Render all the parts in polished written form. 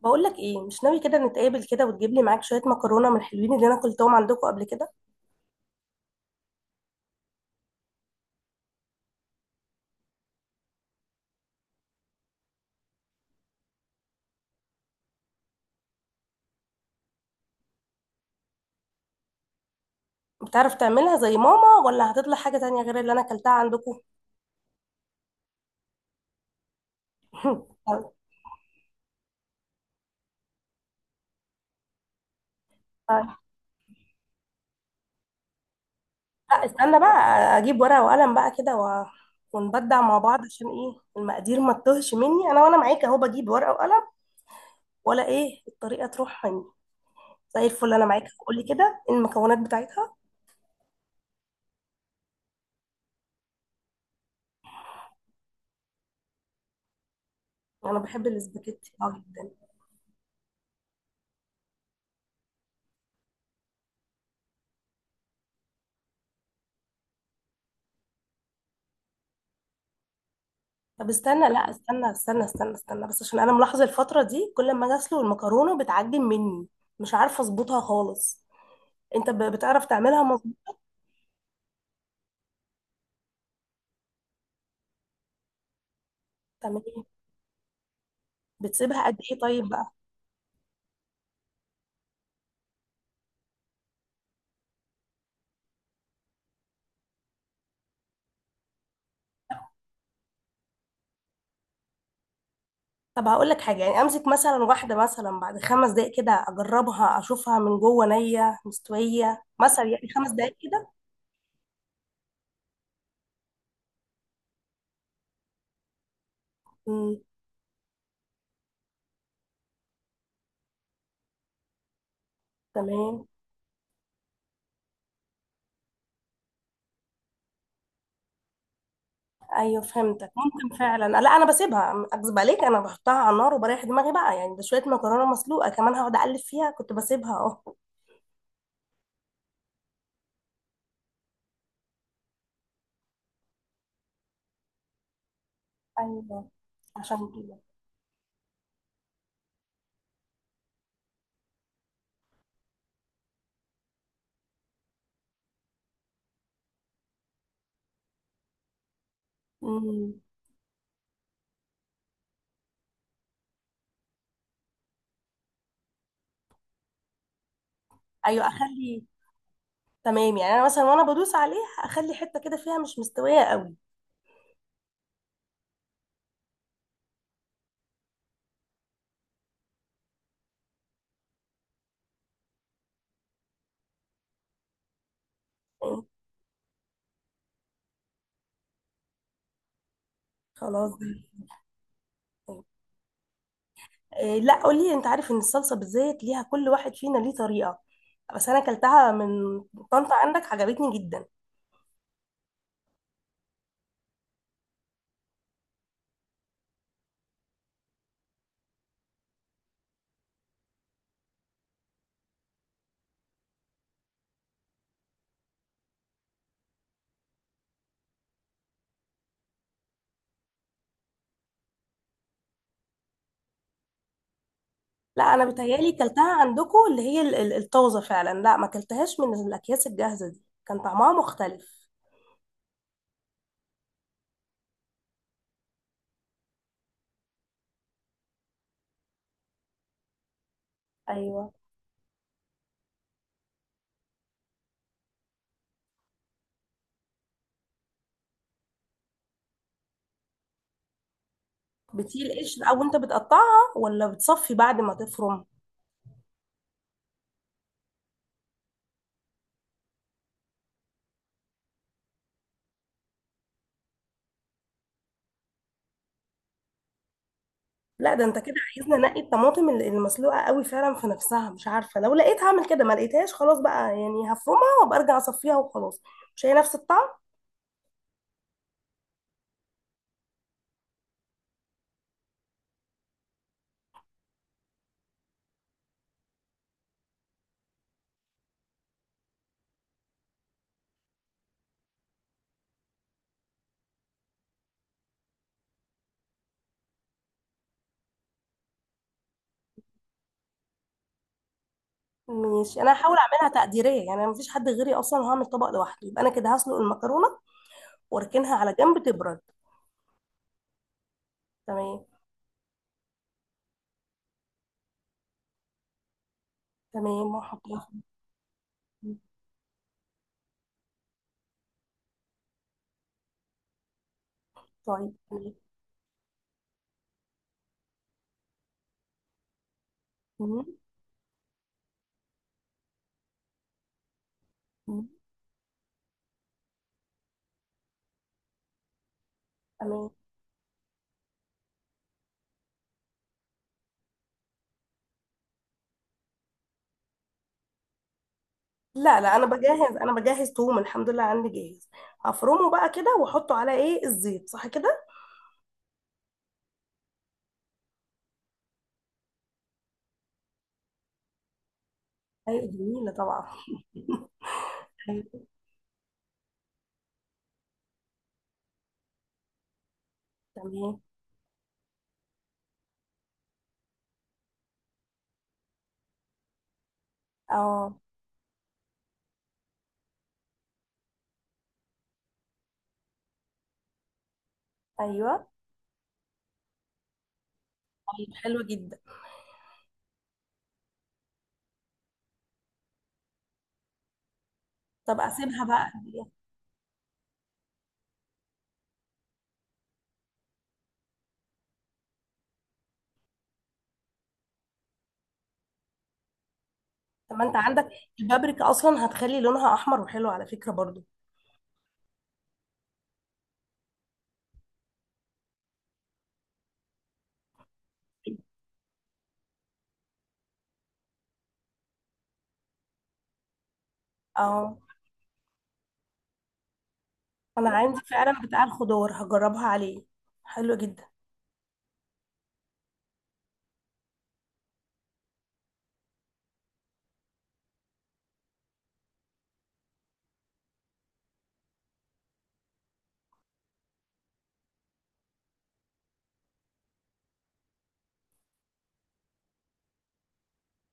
بقول لك ايه؟ مش ناوي كده نتقابل كده وتجيب لي معاك شويه مكرونه من الحلوين اللي انا اكلتهم عندكم قبل كده؟ بتعرف تعملها زي ماما ولا هتطلع حاجه تانية غير اللي انا اكلتها عندكم؟ طيب. طيب. لا، استنى بقى، اجيب ورقه وقلم بقى كده ونبدع مع بعض عشان ايه المقادير ما تتوهش مني، انا وانا معاك اهو بجيب ورقه وقلم، ولا ايه الطريقه تروح مني. زي الفل، انا معاك، قولي كده، إيه المكونات بتاعتها؟ انا بحب الاسباجيتي جدا. طب استنى، لا استنى استنى استنى استنى بس عشان انا ملاحظه الفتره دي كل ما اجي اسلق المكرونه بتعجن مني، مش عارفه اظبطها خالص. انت بتعرف تعملها مظبوط؟ بتعمل ايه؟ بتسيبها قد ايه طيب بقى؟ طب هقول لك حاجه، يعني امسك مثلا واحده مثلا بعد 5 دقائق كده اجربها اشوفها من جوه، نيه، مستويه مثلا، يعني 5 دقائق كده. امم. تمام. ايوه، فهمتك، ممكن فعلا. لا، انا بسيبها، اكذب عليك، انا بحطها على النار وبريح دماغي بقى، يعني ده شويه مكرونه مسلوقه، كمان هقعد اقلب فيها؟ كنت بسيبها اهو. ايوه، عشان كده. امم. ايوه، اخلي. تمام، يعني انا مثلا وانا بدوس عليه اخلي حته كده فيها مش مستويه قوي. إيه، خلاص دي. إيه، لا قولي، انت عارف ان الصلصه بالزيت ليها كل واحد فينا ليه طريقه، بس انا كلتها من طنطا عندك، عجبتني جدا. لا، انا بتهيالي كلتها عندكم اللي هي الطازه فعلا، لا ما كلتهاش من الاكياس الجاهزه دي، كان طعمها مختلف. ايوه. بتيل قشر او انت بتقطعها ولا بتصفي بعد ما تفرم؟ لا، ده انت كده عايزنا نقي الطماطم اللي مسلوقه قوي فعلا في نفسها، مش عارفه، لو لقيت هعمل كده، ما لقيتهاش خلاص بقى، يعني هفرمها وابقى ارجع اصفيها وخلاص، مش هي نفس الطعم. ماشي، انا هحاول اعملها تقديريه، يعني انا مفيش حد غيري اصلا، وهعمل طبق لوحدي، يبقى انا كده هسلق المكرونه واركنها على جنب تبرد. تمام. تمام، وهحطها في الزيت. طيب، تمام. مم. مم. تمام. لا لا، انا بجهز توم، الحمد لله عندي جاهز. هفرمه بقى كده واحطه على ايه الزيت، صح كده؟ هي جميله طبعا. تمام. اه. ايوه. طيب حلو جدا. طب اسيبها بقى قد إيه؟ طب، ما انت عندك البابريكا اصلا هتخلي لونها احمر وحلو على فكره برضو. اه، انا عندي فعلا بتاع الخضار، هجربها عليه. حلو جدا.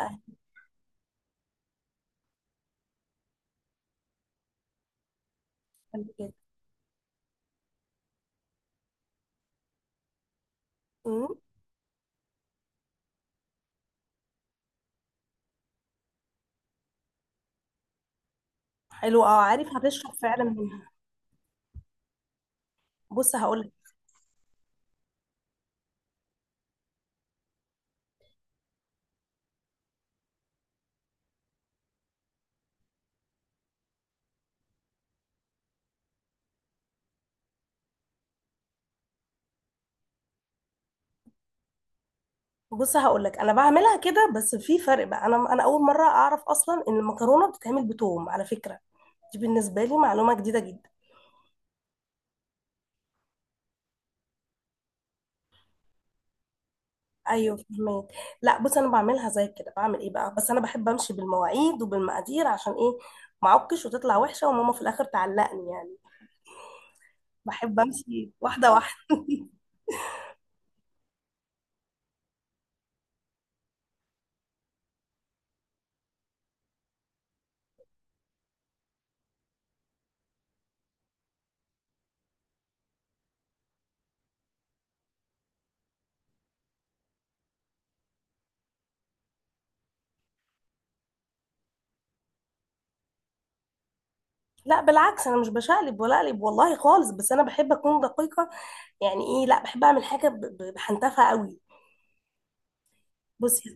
آه، حلو جدا. أمم، حلو اه، عارف هتشرب فعلا منها. بص هقول لك بص هقول لك، انا بعملها كده بس في فرق بقى، انا اول مره اعرف اصلا ان المكرونه بتتعمل بتوم على فكره، دي بالنسبه لي معلومه جديده جدا. ايوه، فهمت. لا، بص انا بعملها زي كده، بعمل ايه بقى، بس انا بحب امشي بالمواعيد وبالمقادير، عشان ايه، ما اعكش وتطلع وحشه وماما في الاخر تعلقني يعني، بحب امشي واحده واحده. لا بالعكس، انا مش بشقلب ولا اقلب والله خالص، بس انا بحب اكون دقيقه، يعني ايه، لا بحب اعمل حاجه بحنتفها قوي. بصي،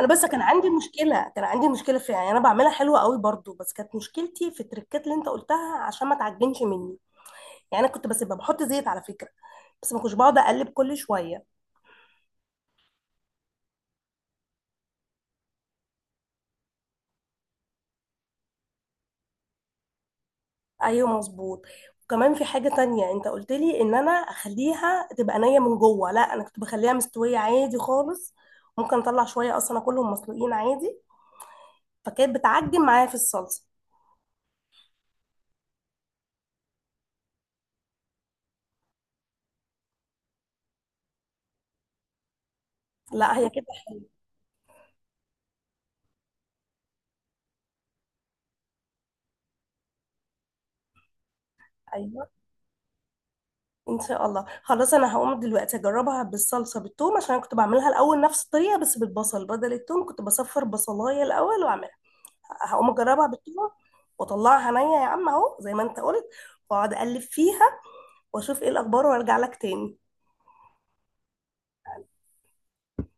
انا بس كان عندي مشكله فيها، يعني انا بعملها حلوه قوي برضو، بس كانت مشكلتي في التركات اللي انت قلتها، عشان ما تعجنش مني، يعني انا كنت بس بحط زيت على فكره، بس ما كنتش بقعد اقلب كل شويه. ايوه مظبوط، وكمان في حاجة تانية، انت قلت لي ان انا اخليها تبقى نية من جوه، لا انا كنت بخليها مستوية عادي خالص، ممكن اطلع شوية اصلا، اكلهم مسلوقين عادي، فكانت بتعجن معايا في الصلصة. لا، هي كده حلوة. ايوه، ان شاء الله، خلاص انا هقوم دلوقتي اجربها بالصلصة بالثوم، عشان انا كنت بعملها الاول نفس الطريقة بس بالبصل بدل الثوم، كنت بصفر بصلاية الاول واعملها، هقوم اجربها بالثوم واطلعها نية يا عم اهو زي ما انت قلت، واقعد اقلب فيها واشوف ايه الاخبار وارجع لك تاني.